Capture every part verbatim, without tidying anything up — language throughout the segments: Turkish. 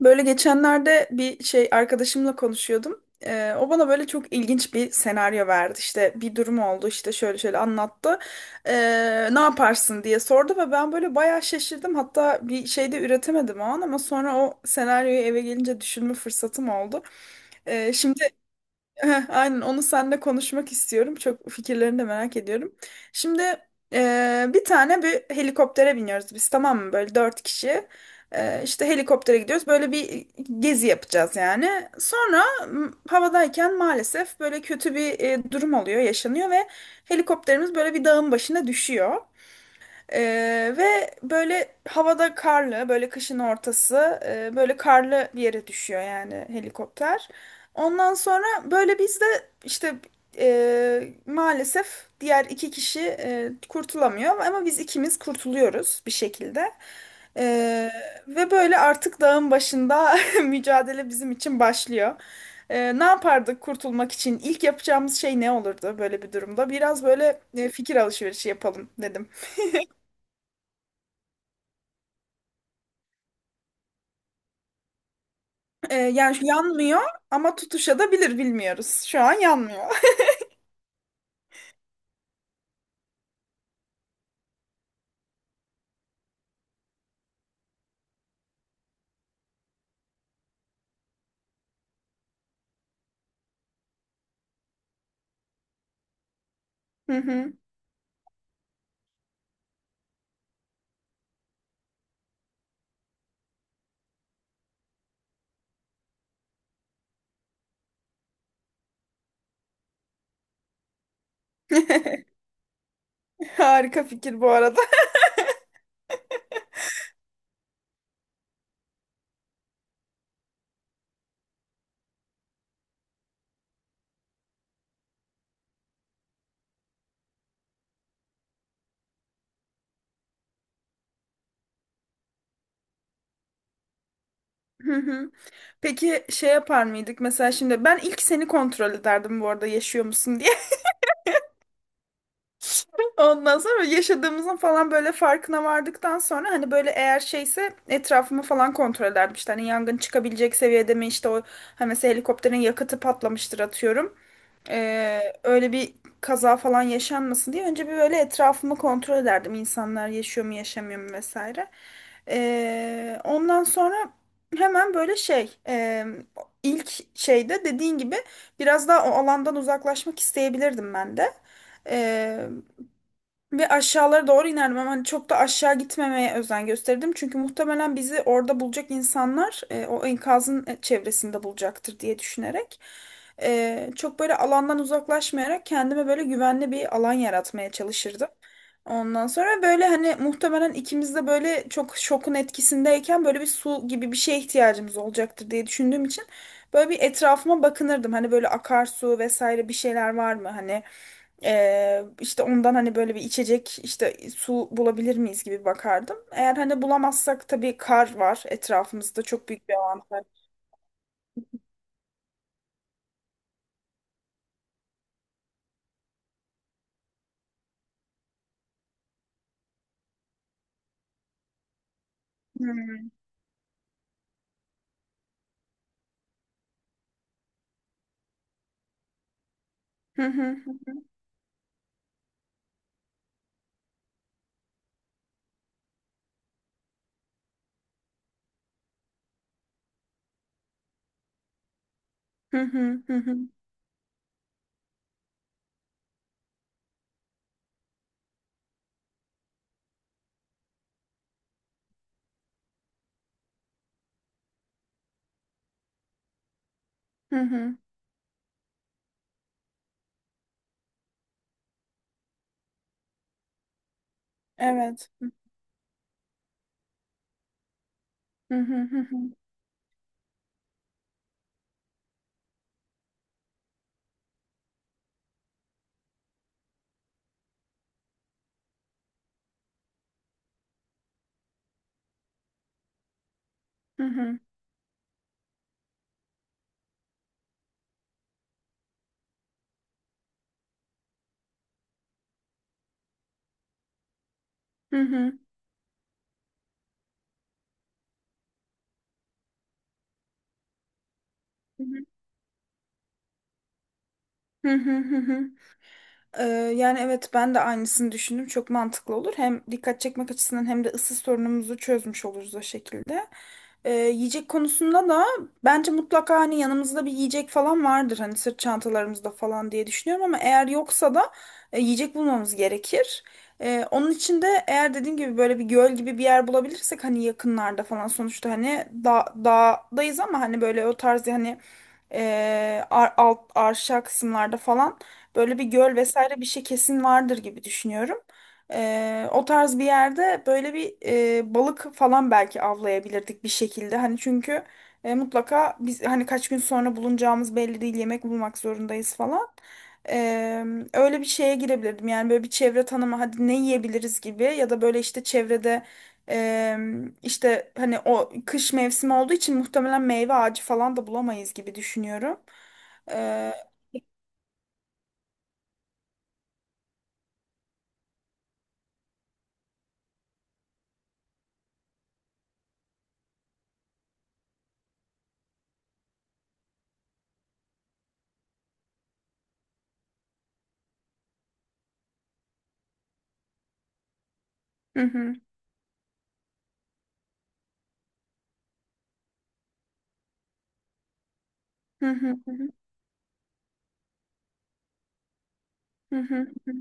Böyle geçenlerde bir şey arkadaşımla konuşuyordum. Ee, o bana böyle çok ilginç bir senaryo verdi. İşte bir durum oldu işte şöyle şöyle anlattı. Ee, ne yaparsın diye sordu ve ben böyle bayağı şaşırdım. Hatta bir şey de üretemedim o an ama sonra o senaryoyu eve gelince düşünme fırsatım oldu. Ee, şimdi Heh, aynen onu seninle konuşmak istiyorum. Çok fikirlerini de merak ediyorum. Şimdi e, bir tane bir helikoptere biniyoruz biz, tamam mı? Böyle dört kişi. E, işte helikoptere gidiyoruz. Böyle bir gezi yapacağız yani. Sonra m, havadayken maalesef böyle kötü bir e, durum oluyor, yaşanıyor ve helikopterimiz böyle bir dağın başına düşüyor. Ee, ve böyle havada karlı, böyle kışın ortası, e, böyle karlı bir yere düşüyor yani helikopter. Ondan sonra böyle biz de işte e, maalesef diğer iki kişi e, kurtulamıyor ama biz ikimiz kurtuluyoruz bir şekilde. Ee, Ve böyle artık dağın başında mücadele bizim için başlıyor. Ee, ne yapardık kurtulmak için? İlk yapacağımız şey ne olurdu böyle bir durumda? Biraz böyle e, fikir alışverişi yapalım dedim. Ee, yani şu yanmıyor ama tutuşabilir, bilmiyoruz. Şu an yanmıyor. Hı hı. Harika fikir bu arada. Hı hı. Peki şey yapar mıydık mesela, şimdi ben ilk seni kontrol ederdim bu arada, yaşıyor musun diye. Ondan sonra yaşadığımızın falan böyle farkına vardıktan sonra hani böyle eğer şeyse etrafımı falan kontrol ederdim. İşte hani yangın çıkabilecek seviyede mi işte o, hani mesela helikopterin yakıtı patlamıştır atıyorum. Ee, öyle bir kaza falan yaşanmasın diye önce bir böyle etrafımı kontrol ederdim. İnsanlar yaşıyor mu yaşamıyor mu vesaire. Ee, ondan sonra hemen böyle şey e, ilk şeyde dediğin gibi biraz daha o alandan uzaklaşmak isteyebilirdim ben de. Ee, Ve aşağılara doğru inerdim ama hani çok da aşağı gitmemeye özen gösterdim. Çünkü muhtemelen bizi orada bulacak insanlar e, o enkazın e, çevresinde bulacaktır diye düşünerek. E, çok böyle alandan uzaklaşmayarak kendime böyle güvenli bir alan yaratmaya çalışırdım. Ondan sonra böyle hani muhtemelen ikimiz de böyle çok şokun etkisindeyken böyle bir su gibi bir şeye ihtiyacımız olacaktır diye düşündüğüm için böyle bir etrafıma bakınırdım. Hani böyle akarsu vesaire bir şeyler var mı? Hani ee, işte ondan hani böyle bir içecek, işte su bulabilir miyiz gibi bakardım. Eğer hani bulamazsak, tabii kar var etrafımızda, çok büyük bir avantaj. Hmm. Hı hı hı hı hı hı hı hı. Evet. Hı hı hı hı hı hı hı hı hı hı hı hı. Hı. Ee, Yani evet, ben de aynısını düşündüm. Çok mantıklı olur. Hem dikkat çekmek açısından hem de ısı sorunumuzu çözmüş oluruz o şekilde. Ee, yiyecek konusunda da bence mutlaka hani yanımızda bir yiyecek falan vardır. Hani sırt çantalarımızda falan diye düşünüyorum ama eğer yoksa da e, yiyecek bulmamız gerekir. Ee, onun için de eğer dediğim gibi böyle bir göl gibi bir yer bulabilirsek hani yakınlarda falan, sonuçta hani da dağdayız ama hani böyle o tarz hani e, ar- alt arşa kısımlarda falan böyle bir göl vesaire bir şey kesin vardır gibi düşünüyorum. Ee, o tarz bir yerde böyle bir e, balık falan belki avlayabilirdik bir şekilde. Hani çünkü e, mutlaka biz hani kaç gün sonra bulunacağımız belli değil, yemek bulmak zorundayız falan. Ee, Öyle bir şeye girebilirdim. Yani böyle bir çevre tanımı, hadi ne yiyebiliriz gibi ya da böyle işte çevrede e, işte hani o kış mevsimi olduğu için muhtemelen meyve ağacı falan da bulamayız gibi düşünüyorum. Ee, hı hı, hı hı, hı hı. Hı hı, hı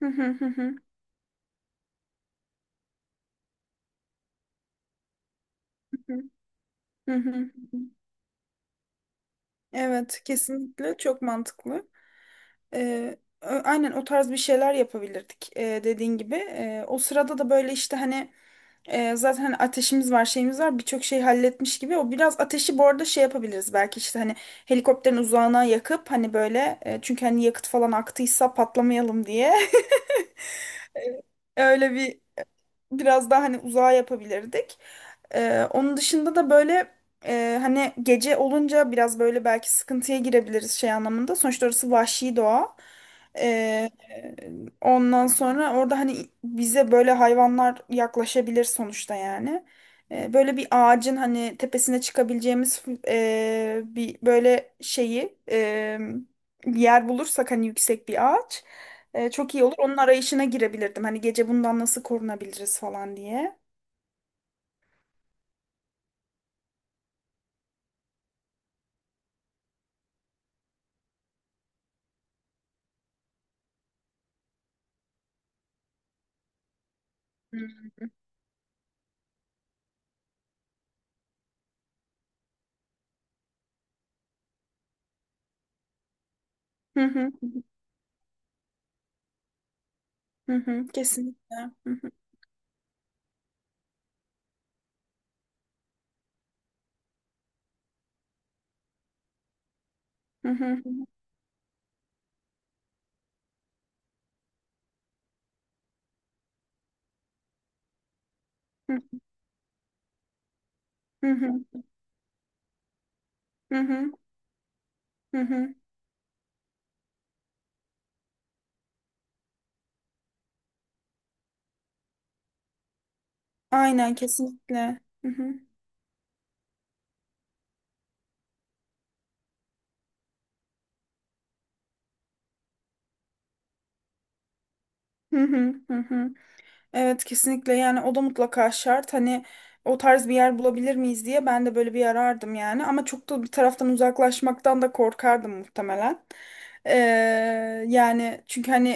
hı, hı hı, hı hı. Hı. Evet, kesinlikle çok mantıklı. Ee, ö- aynen o tarz bir şeyler yapabilirdik ee, dediğin gibi. Ee, o sırada da böyle işte hani e, zaten hani ateşimiz var, şeyimiz var, birçok şey halletmiş gibi. O biraz ateşi bu arada şey yapabiliriz belki işte hani helikopterin uzağına yakıp hani böyle, e, çünkü hani yakıt falan aktıysa patlamayalım diye. Öyle bir biraz daha hani uzağa yapabilirdik. Ee, onun dışında da böyle e, hani gece olunca biraz böyle belki sıkıntıya girebiliriz şey anlamında. Sonuçta orası vahşi doğa. Ee, Ondan sonra orada hani bize böyle hayvanlar yaklaşabilir sonuçta yani. Ee, böyle bir ağacın hani tepesine çıkabileceğimiz e, bir böyle şeyi e, bir yer bulursak, hani yüksek bir ağaç. E, çok iyi olur. Onun arayışına girebilirdim. Hani gece bundan nasıl korunabiliriz falan diye. Hı hı hı hı hı, kesinlikle. Hı hı hı hı hı hı hı hı hı hı. Aynen, kesinlikle. Hı hı hı hı hı hı. Evet kesinlikle, yani o da mutlaka şart. Hani o tarz bir yer bulabilir miyiz diye ben de böyle bir arardım yani, ama çok da bir taraftan uzaklaşmaktan da korkardım muhtemelen. Ee, Yani çünkü hani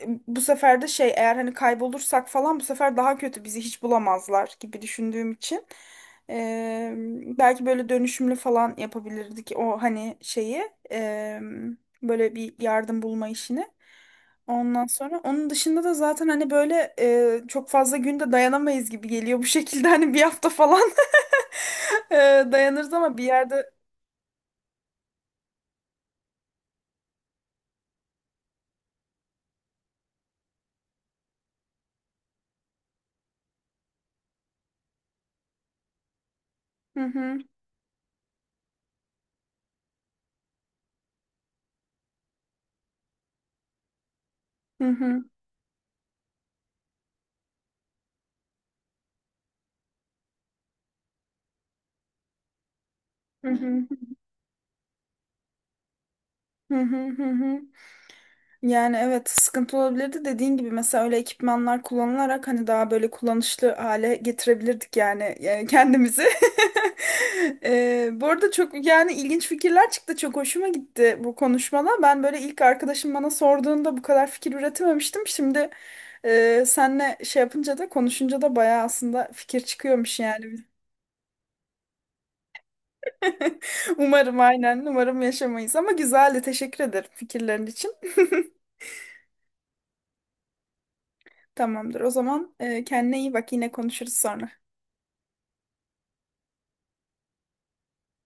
e, bu sefer de şey, eğer hani kaybolursak falan bu sefer daha kötü, bizi hiç bulamazlar gibi düşündüğüm için ee, belki böyle dönüşümlü falan yapabilirdik o hani şeyi, ee, böyle bir yardım bulma işini. Ondan sonra onun dışında da zaten hani böyle e, çok fazla günde dayanamayız gibi geliyor bu şekilde, hani bir hafta falan e, dayanırız ama bir yerde. Hı hı, hı hı, hı hı, hı hı, hı hı. Yani evet, sıkıntı olabilirdi dediğin gibi. Mesela öyle ekipmanlar kullanılarak hani daha böyle kullanışlı hale getirebilirdik yani, yani kendimizi. Ee, bu arada çok yani ilginç fikirler çıktı, çok hoşuma gitti bu konuşmada. Ben böyle ilk arkadaşım bana sorduğunda bu kadar fikir üretememiştim. Şimdi e, senle şey yapınca da konuşunca da bayağı aslında fikir çıkıyormuş yani. Umarım, aynen umarım yaşamayız, ama güzeldi, teşekkür ederim fikirlerin için. Tamamdır. O zaman e, kendine iyi bak. Yine konuşuruz sonra.